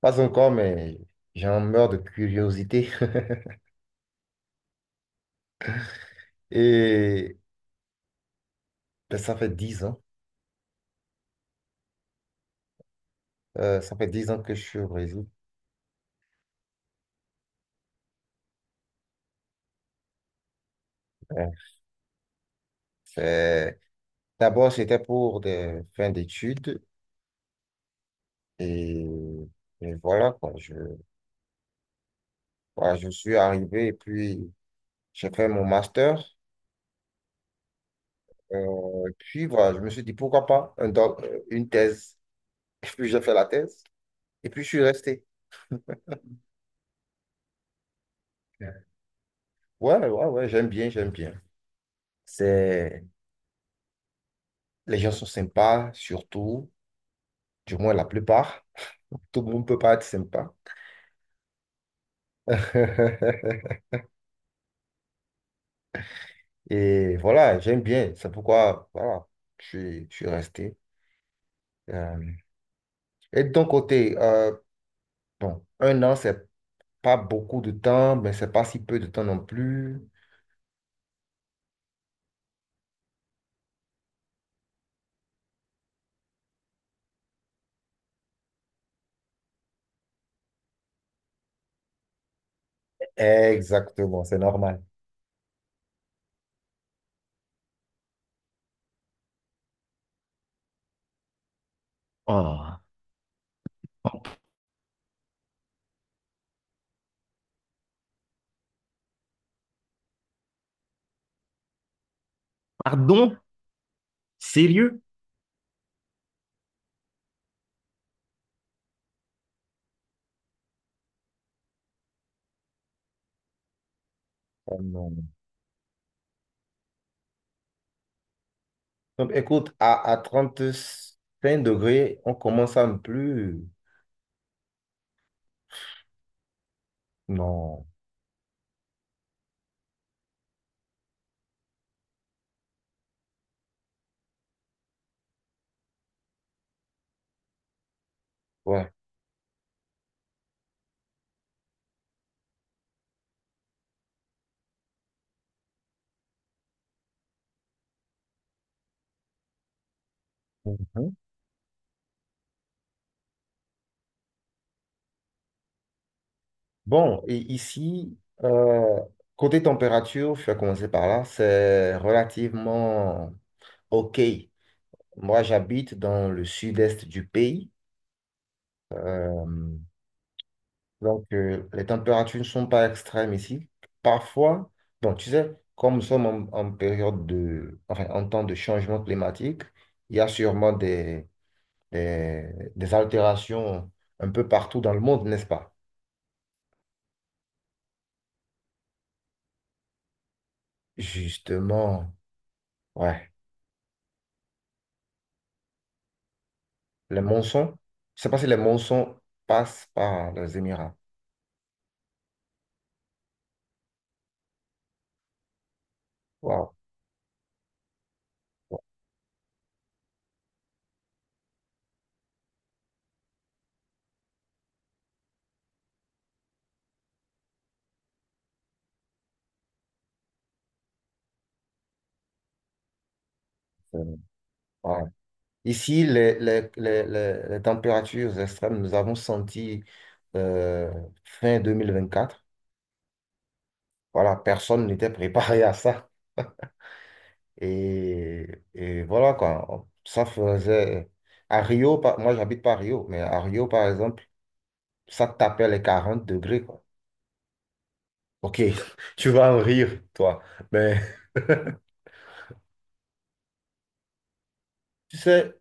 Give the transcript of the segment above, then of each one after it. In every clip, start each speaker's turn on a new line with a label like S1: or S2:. S1: Pas encore, mais j'en meurs de curiosité. Et ben, ça fait 10 ans. Ça fait 10 ans que je suis au Brésil. Ouais. C'est- D'abord, c'était pour des fins d'études. Et, et voilà, quoi. Voilà, je suis arrivé et puis j'ai fait mon master. Euh, Puis voilà, je me suis dit, pourquoi pas une thèse. Et puis j'ai fait la thèse. Et puis je suis resté. Ouais, ouais, ouais, ouais, j'aime bien, j'aime bien. C'est... Les gens sont sympas, surtout, du moins la plupart. Tout le monde peut pas être sympa. Et voilà, j'aime bien. C'est pourquoi voilà, je suis resté. Euh, et de ton côté, bon, un an, c'est pas beaucoup de temps, mais c'est pas si peu de temps non plus. Exactement, c'est normal. Oh, oh, pardon? Sérieux? Oh non. Donc, écoute, à, 35 degrés, on commence à ne plus. Non. Ouais. Mhm. Bon, et ici, euh, côté température, je vais commencer par là, c'est relativement OK. Moi, j'habite dans le sud-est du pays, euh, donc les températures ne sont pas extrêmes ici. Parfois, bon, tu sais, comme nous sommes en période de, enfin, en temps de changement climatique, il y a sûrement des, des altérations un peu partout dans le monde, n'est-ce pas? Justement, ouais. Les monsons, je sais pas si les monsons passent par les Émirats. Waouh. Waouh, c'est- waouh. Ici, les températures extrêmes, nous avons senti euh, fin 2024. Voilà, personne n'était préparé à ça. Et, et voilà, quoi. Ça faisait. À Rio, moi, j'habite pas à Rio, mais à Rio, par exemple, ça tapait les 40 degrés, quoi. Ok, tu vas en rire, toi. Mais tu sais,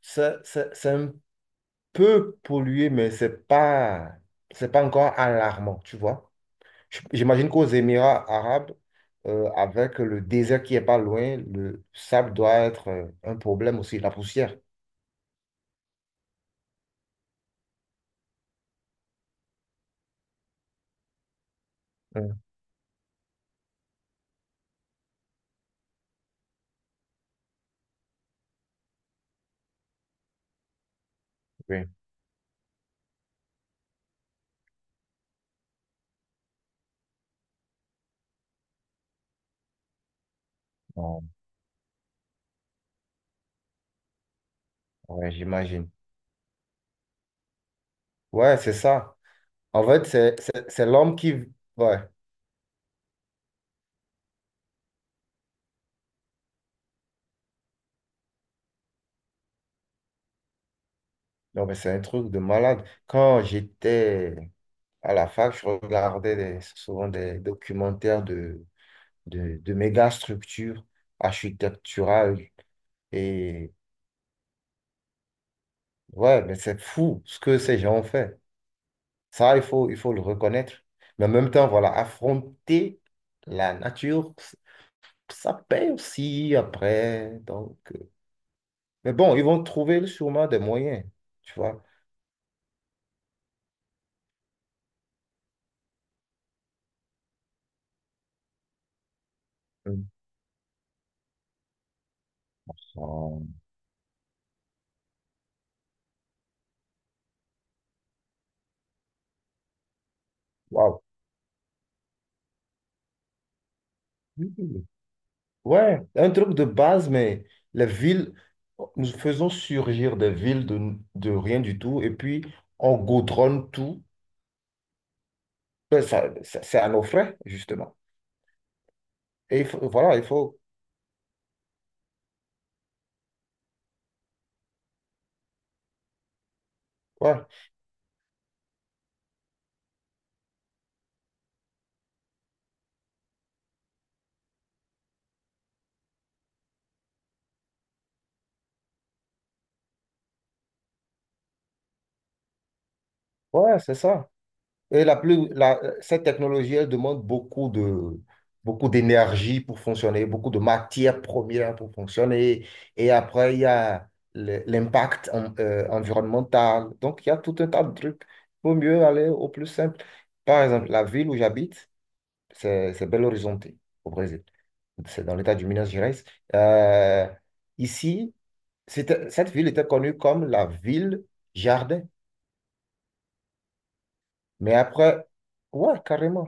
S1: c'est un peut polluer, mais c'est pas encore alarmant, tu vois. J'imagine qu'aux Émirats arabes, avec le désert qui est pas loin, le sable doit être un problème aussi, la poussière. Mm. Oui. Bon, ouais, j'imagine. Ouais, c'est ça. En fait, c'est l'homme qui... Ouais, non, mais c'est un truc de malade. Quand j'étais à la fac, je regardais souvent des documentaires de méga structures architecturales. Et ouais, mais c'est fou ce que ces gens ont fait. Ça, il faut le reconnaître. Mais en même temps, voilà, affronter la nature, ça paye aussi après. Donc, mais bon, ils vont trouver sûrement des moyens, tu vois. Mm. Oh. Waouh. Mhm. Ouais, un truc de base, mais les villes, nous faisons surgir des villes de rien du tout, et puis on goudronne tout. Ben, c'est à nos frais, justement. Et voilà, il faut. Ouais, ouais, c'est ça. Et cette technologie, elle demande beaucoup d'énergie pour fonctionner, beaucoup de matières premières pour fonctionner. Et après, il y a l'impact environnemental. Donc, il y a tout un tas de trucs. Il vaut mieux aller au plus simple. Par exemple, la ville où j'habite, c'est Belo Horizonte, au Brésil. C'est dans l'état du Minas Gerais. Euh, Ici, cette ville était connue comme la ville jardin. Mais après, ouais, carrément.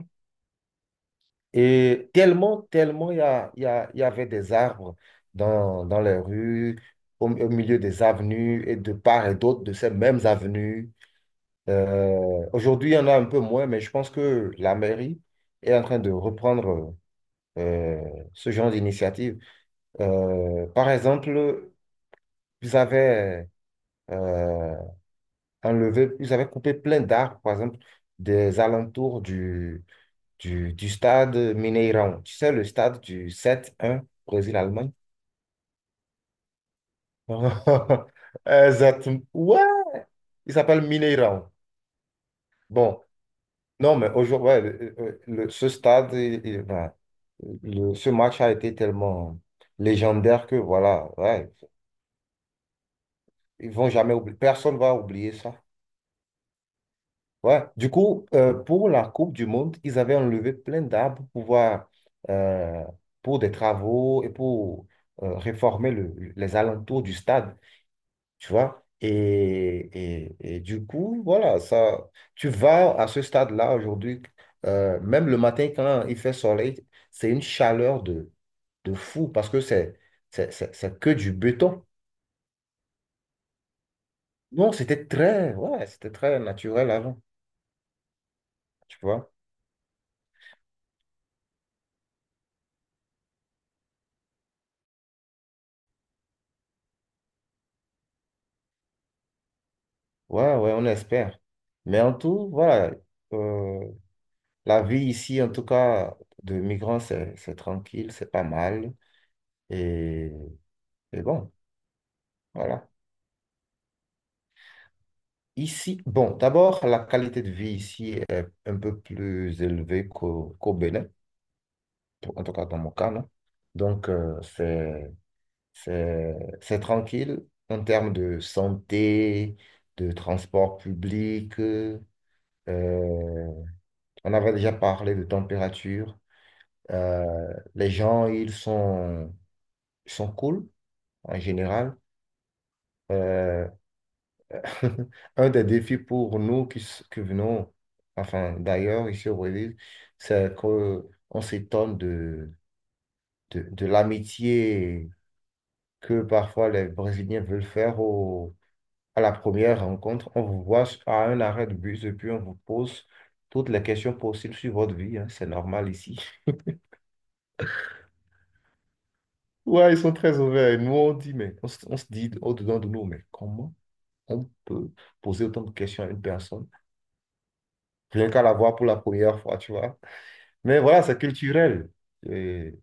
S1: Et tellement, tellement, il y avait des arbres dans les rues, au milieu des avenues et de part et d'autre de ces mêmes avenues. Aujourd'hui, il y en a un peu moins, mais je pense que la mairie est en train de reprendre euh, ce genre d'initiative. Par exemple, vous avez euh, enlevé, ils avaient coupé plein d'arbres, par exemple, des alentours du, du stade Mineirão. Tu sais, le stade du 7-1 Brésil-Allemagne. Exactement. Ouais, il s'appelle Mineirão. Bon, non, mais aujourd'hui, ouais, ce stade, ben, ce match a été tellement légendaire que voilà, ouais, ils vont jamais oublier, personne va oublier ça. Ouais. Du coup, pour la Coupe du Monde, ils avaient enlevé plein d'arbres pour pouvoir, euh, pour des travaux et pour réformer les alentours du stade, tu vois. Et du coup, voilà, ça, tu vas à ce stade-là aujourd'hui, même le matin quand il fait soleil, c'est une chaleur de fou parce que c'est que du béton. Non, c'était ouais, c'était très naturel avant, tu vois. Ouais, ouais, on espère. Mais en tout, voilà, euh, la vie ici, en tout cas, de migrants, c'est tranquille, c'est pas mal. Et, et bon, voilà. Ici, bon, d'abord, la qualité de vie ici est un peu plus élevée qu'au Bénin, en tout cas dans mon cas, non? Donc, c'est, c'est tranquille en termes de santé, de transport public. On avait déjà parlé de température. Les gens, ils sont cool en général. Euh, un des défis pour nous qui venons, enfin d'ailleurs ici au Brésil, c'est qu'on s'étonne de l'amitié que parfois les Brésiliens veulent faire à la première rencontre. On vous voit à un arrêt de bus et puis on vous pose toutes les questions possibles sur votre vie, hein. C'est normal ici. Ouais, ils sont très ouverts. Et nous, on dit, mais on se dit au-dedans de nous, mais comment? On peut poser autant de questions à une personne, rien qu'à la voir pour la première fois, tu vois. Mais voilà, c'est culturel. Et.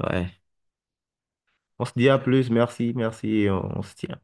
S1: Ouais. On se dit à plus, merci, merci, et on se tient.